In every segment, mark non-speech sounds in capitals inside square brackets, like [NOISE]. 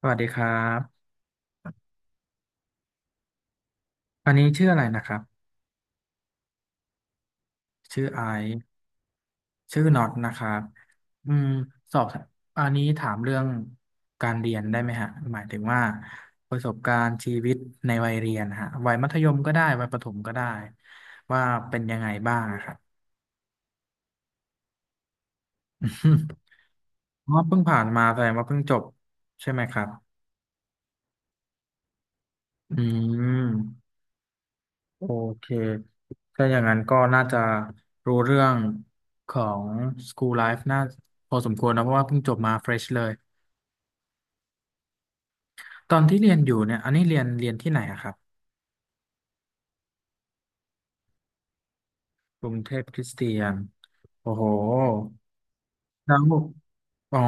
สวัสดีครับอันนี้ชื่ออะไรนะครับชื่อไอซ์ชื่อน็อตนะครับอืมสอบอันนี้ถามเรื่องการเรียนได้ไหมฮะหมายถึงว่าประสบการณ์ชีวิตในวัยเรียนฮะวัยมัธยมก็ได้วัยประถมก็ได้ว่าเป็นยังไงบ้างอะครับ [LAUGHS] เพราะว่าเพิ่งผ่านมาแสดงว่าเพิ่งจบใช่ไหมครับอืม โอเคถ้าอย่างนั้นก็น่าจะรู้เรื่องของ School Life น่าพอสมควรนะเพราะว่าเพิ่งจบมา fresh เลยตอนที่เรียนอยู่เนี่ยอันนี้เรียนที่ไหนอะครับกรุงเทพคริสเตียนโอ้โหแล้วอ๋อ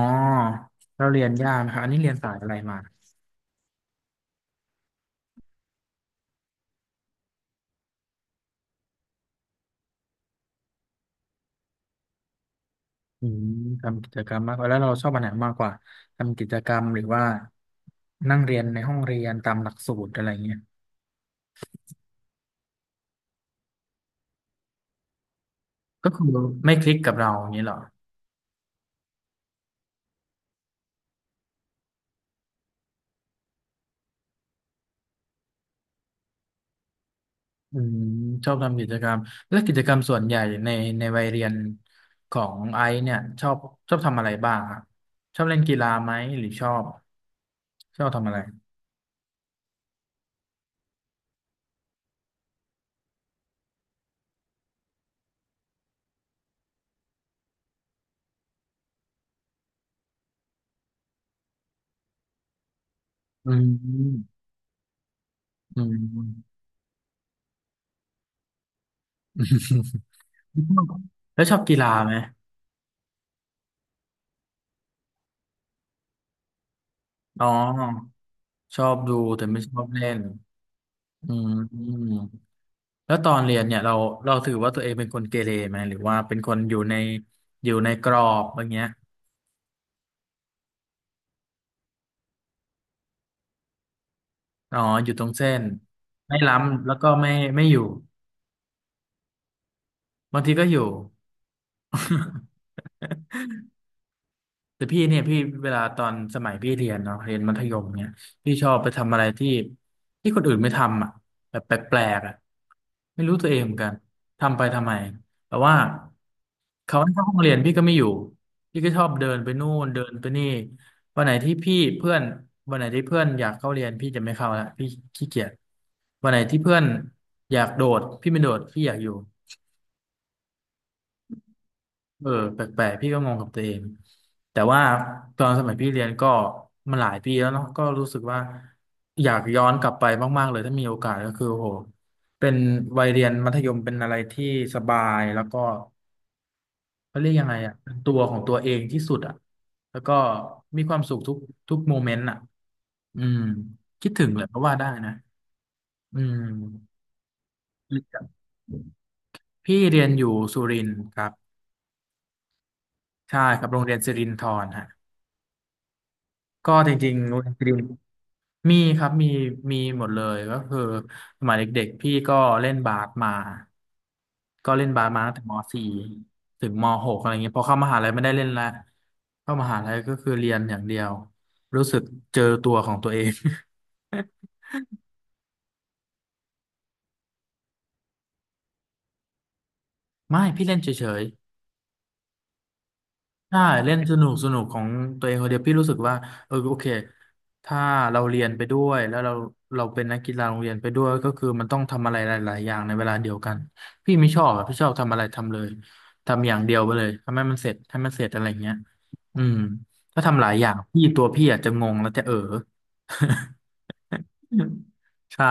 เราเรียนยากนะครับอันนี้เรียนสายอะไรมาอืมทำกิจกรรมมากกว่าแล้วเราชอบอันไหนมากกว่าทำกิจกรรมหรือว่านั่งเรียนในห้องเรียนตามหลักสูตรอะไรเงี้ยก็คือไม่คลิกกับเราอย่างนี้เหรอ อืมชอบทำกิจกรรมและกิจกรรมส่วนใหญ่ในวัยเรียนของไอซ์เนี่ยชอบชอบทำอะไรบ้างครับชอบเล่นกีฬาไหมหรือชอบชอบทำอะไรอืมอืมแล้วชอบกีฬาไหมอ๋อชอบดูแต่ไม่ชอบเล่นอืมอืมแล้วตอนเรียนเนี่ยเราถือว่าตัวเองเป็นคนเกเรไหมหรือว่าเป็นคนอยู่ในอยู่ในกรอบอย่างเงี้ยอ๋ออยู่ตรงเส้นไม่ล้ำแล้วก็ไม่ไม่อยู่บางทีก็อยู่ [LAUGHS] แต่พี่เนี่ยพี่เวลาตอนสมัยพี่เรียนเนาะเรียนมัธยมเนี่ยพี่ชอบไปทำอะไรที่คนอื่นไม่ทำอ่ะแบบแปลกๆอ่ะไม่รู้ตัวเองเหมือนกันทำไปทำไมแต่ว่าเขาให้เข้าห้องเรียนพี่ก็ไม่อยู่พี่ก็ชอบเดินไปนู่นเดินไปนี่วันไหนที่พี่เพื่อนวันไหนที่เพื่อนอยากเข้าเรียนพี่จะไม่เข้าละพี่ขี้เกียจวันไหนที่เพื่อนอยากโดดพี่ไม่โดดพี่อยากอยู่ เออแปลกๆพี่ก็งงกับตัวเองแต่ว่าตอนสมัยพี่เรียนก็มันหลายปีแล้วเนาะก็รู้สึกว่าอยากย้อนกลับไปมากๆเลยถ้ามีโอกาสก็คือโอ้โหเป็นวัยเรียนมัธยมเป็นอะไรที่สบายแล้วก็เขาเรียกยังไงอ่ะเป็นตัวของตัวเองที่สุดอ่ะแล้วก็มีความสุขทุกโมเมนต์อ่ะอืมคิดถึงเลยเพราะว่าได้นะอืมพี่เรียนอยู่สุรินทร์ครับใช่ครับโรงเรียนสิรินธรฮะก็จริงๆโรงเรียนสิริน มีครับมีมีหมดเลยก็คือสมัยเด็กๆพี่ก็เล่นบาสมาก็เล่นบาสมาตั้งแต่ม .4 ถึงม .6 อะไรเงี้ยพอเข้ามหาลัยไม่ได้เล่นละเข้ามหาลัยก็คือเรียนอย่างเดียวรู้สึกเจอตัวของตัวเอง [LAUGHS] ไม่พี่เล่นเฉย ใช่เล่นสนุกสนุกของตัวเองคนเดียวพี่รู้สึกว่าเออโอเคถ้าเราเรียนไปด้วยแล้วเราเป็นนักกีฬาโรงเรียนไปด้วยก็คือมันต้องทำอะไรหลายๆอย่างในเวลาเดียวกันพี่ไม่ชอบอะพี่ชอบทำอะไรทำเลยทำอย่างเดียวไปเลยทำให้มันเสร็จให้มันเสร็จอะไรอย่างเงี้ยอืมถ้าทำหลายอย่างพี่ตัวพี่อาจจะงงแล้วจะเออ [LAUGHS] ใช่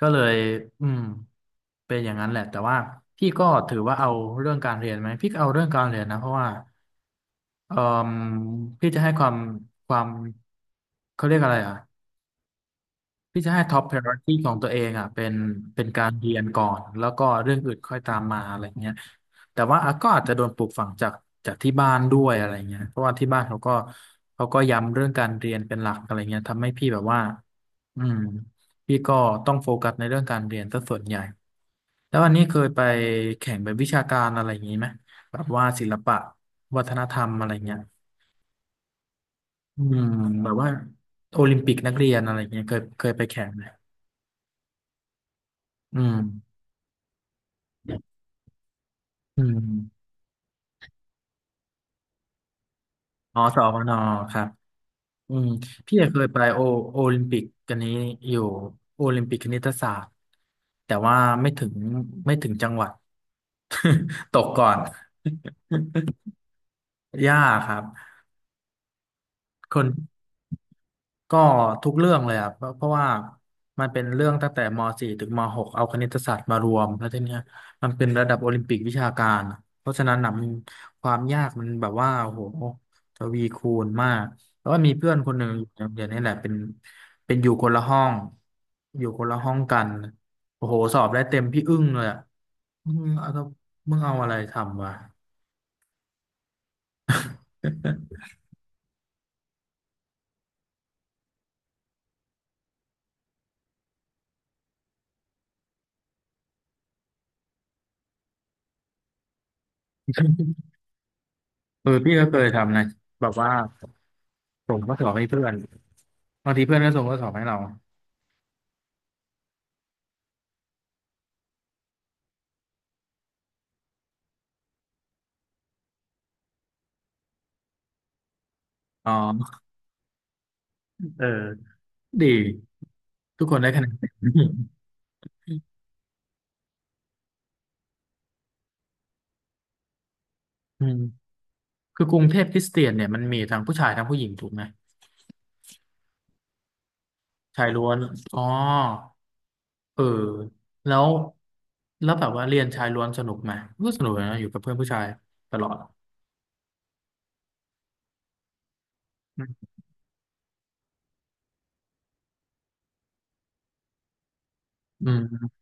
ก็เลยอืมเป็นอย่างนั้นแหละแต่ว่าพี่ก็ถือว่าเอาเรื่องการเรียนไหมพี่ก็เอาเรื่องการเรียนนะเพราะว่า เอ่มพี่จะให้ความความเขาเรียกอะไรอ่ะพี่จะให้ top p r ออร r ตี้ของตัวเองอ่ะเป็นเป็นการเรียนก่อนแล้วก็เรื่องอื่นค่อยตามมาอะไรเงี้ยแต่ว่าอ่ะก็อาจจะโดนปลูกฝังจากที่บ้านด้วยอะไรเงี้ยเพราะว่าที่บ้านเขาก็เขาก็ย้ำเรื่องการเรียนเป็นหลักอะไรเงี้ยทำให้พี่แบบว่าอืมพี่ก็ต้องโฟกัสในเรื่องการเรียนซะส่วนใหญ่แล้ววันนี้เคยไปแข่งเป็นวิชาการอะไรอย่างนี้ไหมแบบว่าศิลปะวัฒนธรรมอะไรเงี้ย อืมแบบว่าโอลิมปิกนักเรียนอะไรเงี้ยเคยเคยไปแข่งไหมอืมอืมอ๋อสอวนอครับอืมพี่เคยไปโอโอลิมปิกกันนี้อยู่โอลิมปิกคณิตศาสตร์แต่ว่าไม่ถึงไม่ถึงจังหวัด [LAUGHS] ตกก่อน [LAUGHS] ยากครับคน ก็ทุกเรื่องเลยอ่ะเพราะเพราะว่ามันเป็นเรื่องตั้งแต่ม .4 ถึงม .6 เอาคณิตศาสตร์มารวมแล้วทีเนี้ยมันเป็นระดับโอลิมปิกวิชาการเพราะฉะนั้นนะมันความยากมันแบบว่าโอ้โหทวีคูณมากแล้วก็มีเพื่อนคนหนึ่งอยู่ในโรงเรียนนี่แหละเป็นอยู่คนละห้องอยู่คนละห้องกันโอ้โหสอบได้เต็มพี่อึ้งเลยอ่ะมึงเอามึงเอาอะไรทำวะ [LAUGHS] เออพี่ก็เคยทำนะแบบว่าส่งข้อสอบให้เพื่อนบางทีเพื่อนก็ส่งข้อสอบให้เรา อ๋อเออดีทุกคนได้คะแนนเต็ม [LAUGHS] อืมคือกรุงเทพคริสเตียนเนี่ยมันมีทั้งผู้ชายทั้งผู้หญิงถูกไหมชายล้วนอ๋อเออแล้วแล้วแบบว่าเรียนชายล้วนสนุกไหมก็สนุกนะอยู่กับเพื่อนผู้ชายตลอดอืม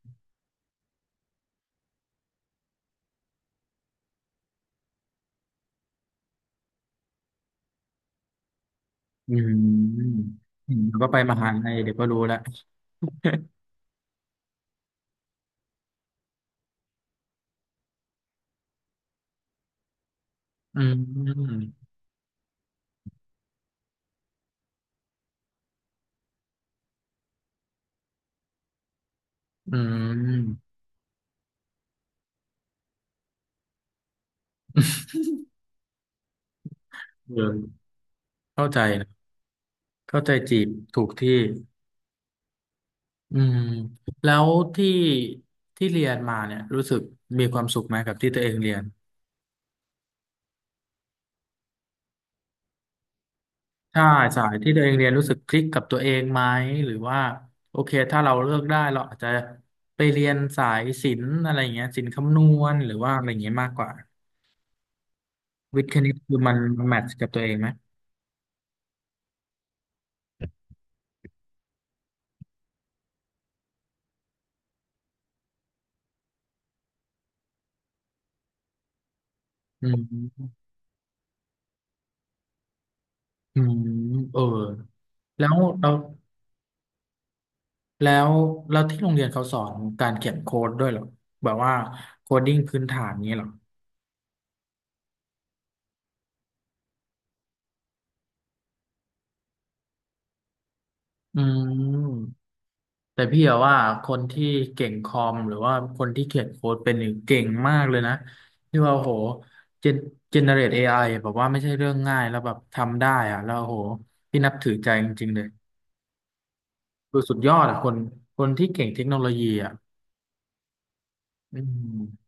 อืมอืมแล้วก็ไปมหาลัยเดี๋ยวก็รู้แล้ว [LAUGHS] อืมอืมเออเข้าใจนะเข้าใจจีบถูกที่ อืมแล้วที่ที่เรียนมาเนี่ยรู้สึกมีความสุขไหมกับที่ตัวเองเรียนใช่สายที่ตัวเองเรียนรู้สึกคลิกกับตัวเองไหมหรือว่าโอเคถ้าเราเลือกได้เราอาจจะไปเรียนสายศิลป์อะไรอย่างเงี้ยศิลป์คำนวณหรือว่าอะไรอย่างเงี้ยมากกว่าวิทย์คณิตคือมันแมทช์กับตัวเองไหมอืมอืมเออแล้วเราแล้วแล้วที่โรงเรียนเขาสอนการเขียนโค้ดด้วยเหรอแบบว่าโคดดิ้งพื้นฐานนี้เหรออืม แต่พี่อะว่าคนที่เก่งคอมหรือว่าคนที่เขียนโค้ดเป็นหนึ่งเก่งมากเลยนะที่ว่าโอ้โหเจนเจเนเรตเอไอแบบว่าไม่ใช่เรื่องง่ายแล้วแบบทำได้อะแล้วโอ้โหพี่นับถือใจจริงๆเลยคือสุดยอดอะคนคนที่เก่งเทคโนโลยีอะอืม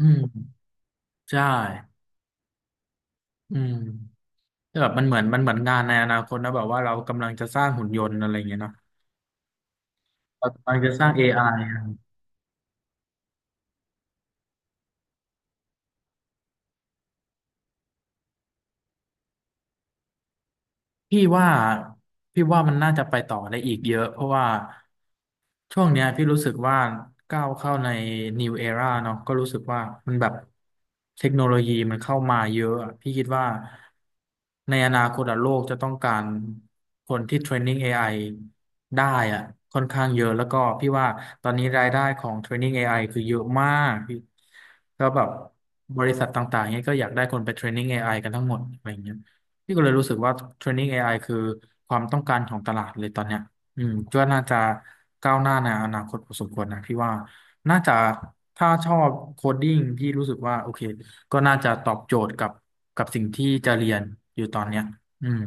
อืมใช่อืมแต่แบบมันเหมือนงานในอนาคตนะแบบว่าเรากำลังจะสร้างหุ่นยนต์อะไรอย่างเงี้ยเนาะเรากำลังจะสร้างเอไอ พี่ว่าพี่ว่ามันน่าจะไปต่อได้อีกเยอะเพราะว่าช่วงเนี้ยพี่รู้สึกว่าก้าวเข้าใน new era เนาะก็รู้สึกว่ามันแบบเทคโนโลยีมันเข้ามาเยอะอะพี่คิดว่าในอนาคตอะโลกจะต้องการคนที่เทรนนิ่ง AI ไอได้อะค่อนข้างเยอะแล้วก็พี่ว่าตอนนี้รายได้ของเทรนนิ่ง AI คือเยอะมากพี่ก็แบบบริษัทต่างๆเนี้ยก็อยากได้คนไปเทรนนิ่ง AI กันทั้งหมดอะไรอย่างเงี้ย พี่ก็เลยรู้สึกว่า Training เทรนนิ่ง AI คือความต้องการของตลาดเลยตอนเนี้ยอืมก็น่าจะก้าวหน้าในอนาคตพอสมควรนะพี่ว่าน่าจะถ้าชอบโคดดิ้งพี่รู้สึกว่าโอเคก็น่าจะตอบโจทย์กับกับสิ่งที่จะเรียนอยู่ตอนเนี้ยอืม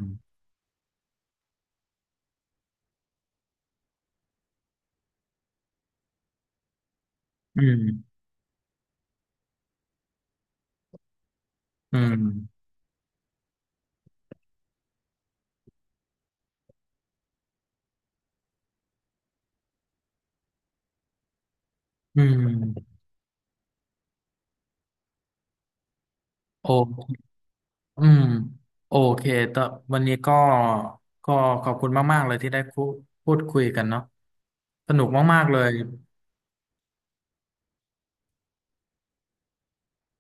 อืมอืมอืมโออืมโอเคแต่วันนี้ก็ก็ขอบคุณมากๆเลยที่ได้คุพูดคุยกันเนาะสนุกมากๆเลย